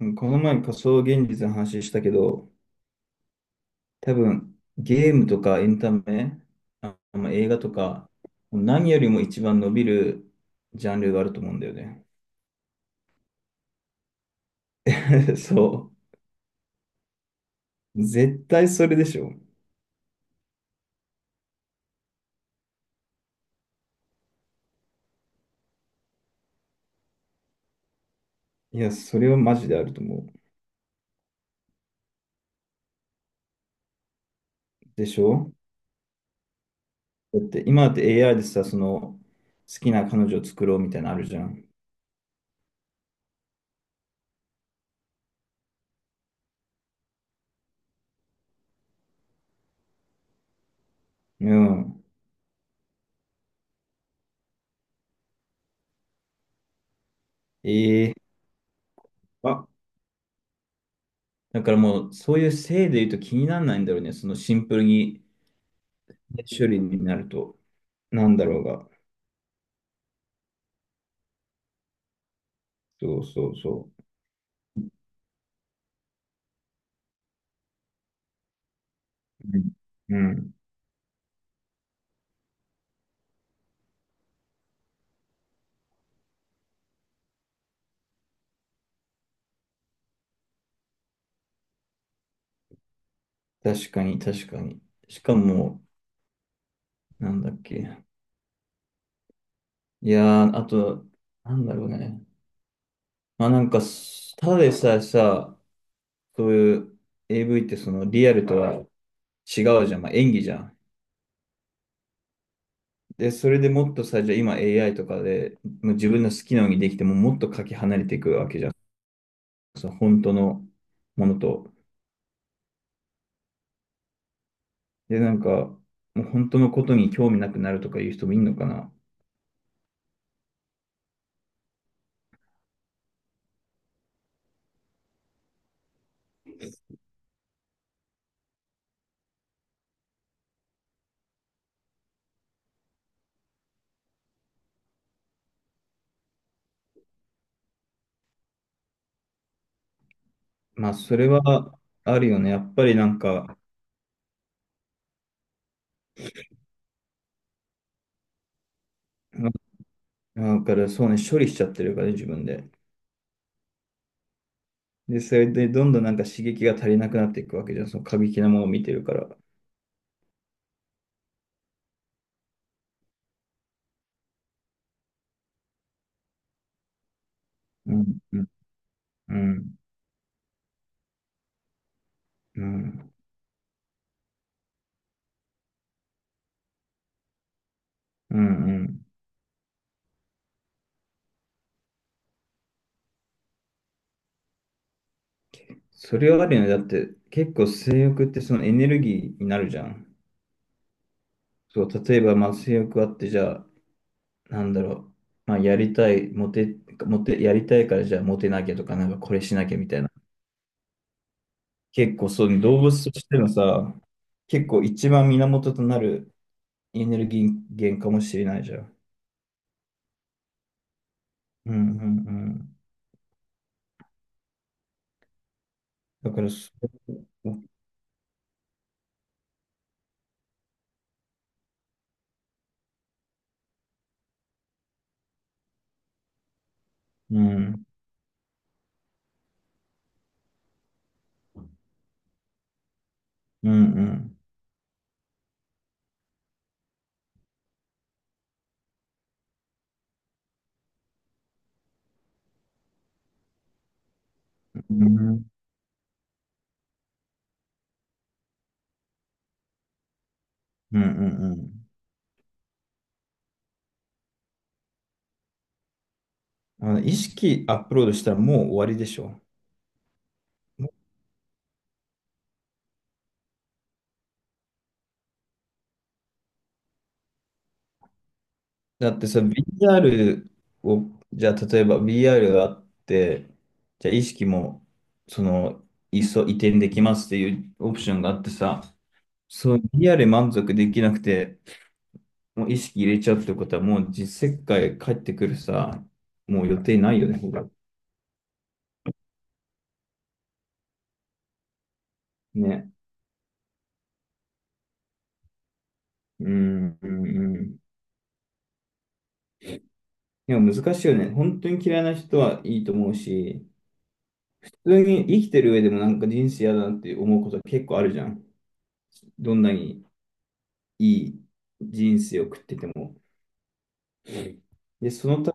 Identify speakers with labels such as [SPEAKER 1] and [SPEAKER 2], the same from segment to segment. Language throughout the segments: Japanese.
[SPEAKER 1] うん。この前仮想現実の話したけど、多分ゲームとかエンタメ、まあ映画とか、何よりも一番伸びるジャンルがあると思うんだよね。そう。絶対それでしょ。いや、それはマジであると思う。でしょ。だって今だって AI でさ、その好きな彼女を作ろうみたいなのあるじゃん。うん。ええ。あ、だからもうそういう性で言うと気にならないんだろうね。そのシンプルに処理になると。なんだろうが。そうそうそう。うん。うん。確かに、確かに。しかも、なんだっけ。いやー、あと、なんだろうね。まあなんか、ただでさえさ、そういう AV ってそのリアルとは違うじゃん。まあ演技じゃん。で、それでもっとさ、じゃあ今 AI とかで、もう自分の好きなようにできても、もっとかけ離れていくわけじゃん。そう、本当のものと。で、なんか、もう本当のことに興味なくなるとかいう人もいるのかな。まあ、それはあるよね。やっぱりなんか、だからそうね、処理しちゃってるからね、自分で。で、それでどんどんなんか刺激が足りなくなっていくわけじゃん。その過激なものを見てるから。うん、うん、うん、うん、うん。うん、それはあるよね。だって結構性欲ってそのエネルギーになるじゃん。そう、例えばまあ性欲あって、じゃあ、なんだろう。まあ、やりたい、モテ、モテ、やりたいからじゃあモテなきゃとか、なんかこれしなきゃみたいな。結構そうね、動物としてのさ、結構一番源となるエネルギー源かもしれないじゃん。うんうんうん。だからそ、うん、うんうんうん。うんうんうん。あの意識アップロードしたらもう終わりでしょ。だってさ、VR を、じゃあ例えば VR があって、じゃあ意識も、その、いっそ移転できますっていうオプションがあってさ、そう、VR 満足できなくて、もう意識入れちゃうってことは、もう実世界帰ってくるさ、もう予定ないよね、ほらね。うん、うん、うん。でも難しいよね。本当に嫌いな人はいいと思うし、普通に生きてる上でもなんか人生嫌だなって思うことは結構あるじゃん。どんなにいい人生を送ってても。で、そのた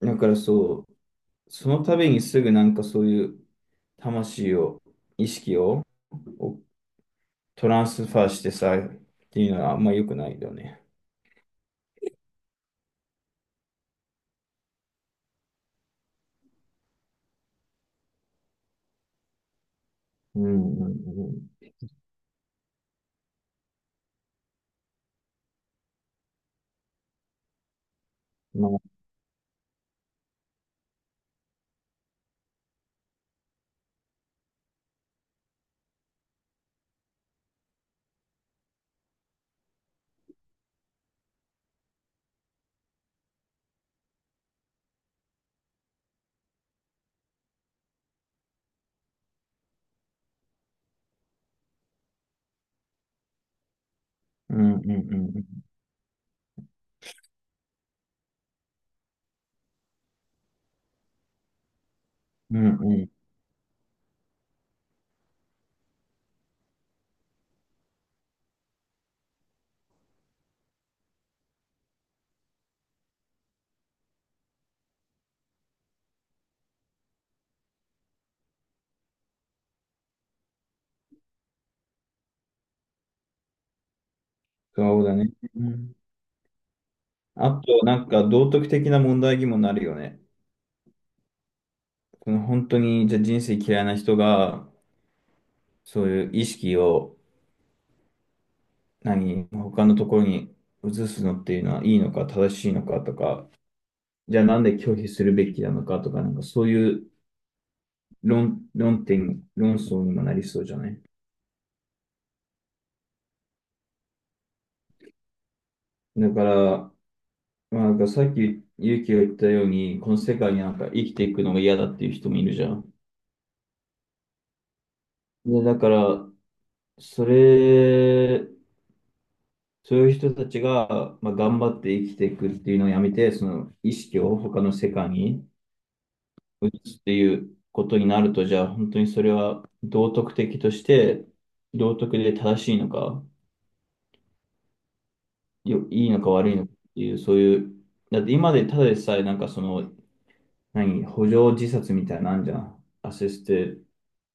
[SPEAKER 1] め、だからそう、そのためにすぐなんかそういう魂を、意識を、をトランスファーしてさ、っていうのはあんま良くないよね。うんうんうん。まあ、うんうんうんうん。うんうん。そうだね。うん。あと、なんか道徳的な問題にもなるよね。この本当に、じゃあ人生嫌いな人が、そういう意識を、何、他のところに移すのっていうのはいいのか、正しいのかとか、じゃあなんで拒否するべきなのかとか、なんかそういう論点、論争にもなりそうじゃない？だから、まあ、なんかさっき、勇気が言ったように、この世界になんか生きていくのが嫌だっていう人もいるじゃん。で、だから、それ、そういう人たちが、まあ、頑張って生きていくっていうのをやめて、その意識を他の世界に移すっていうことになると、じゃあ本当にそれは道徳的として、道徳で正しいのか、いいのか悪いのかっていう、そういう、だって今でただでさえなんかその、何、補助自殺みたいなのあんじゃん。アシステ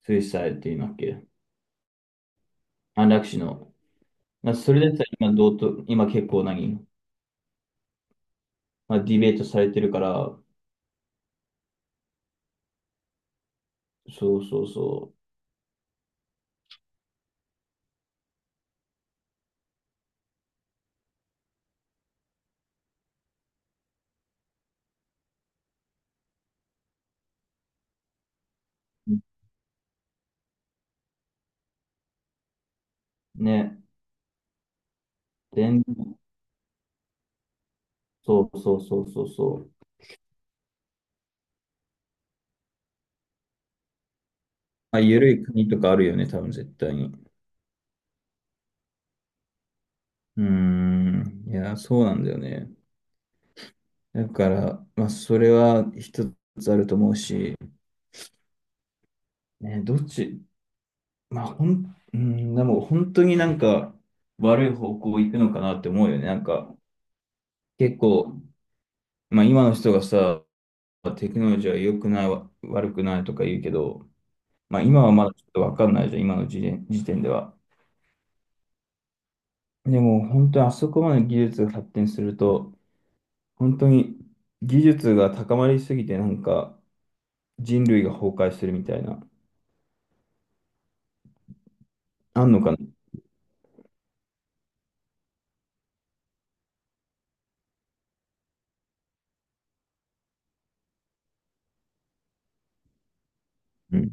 [SPEAKER 1] スイサイっていうんだっけ？安楽死の。まあそれでさえ今、道徳、今結構何まあ、ディベートされてるから、そうそうそう。ね。全そうそうそうそうそう。まあ、緩い国とかあるよね、多分絶対に。うーん。いや、そうなんだよね。だから、まあ、それは一つあると思うし、ね、どっち、まあ、ほん、うん、でも本当になんか悪い方向行くのかなって思うよね。なんか、結構、まあ、今の人がさ、テクノロジーは良くない、悪くないとか言うけど、まあ、今はまだちょっとわかんないじゃん、今の時点では。でも本当にあそこまで技術が発展すると、本当に技術が高まりすぎて、なんか人類が崩壊するみたいな、あんのかな。うん。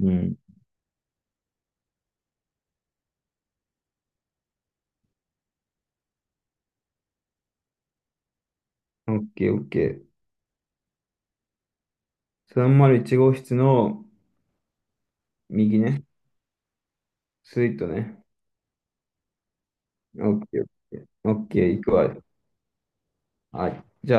[SPEAKER 1] うん。オッケーオッケー。301号室の右ね、スイートね。オッケーオッケー。オッケー、行くわ。はい。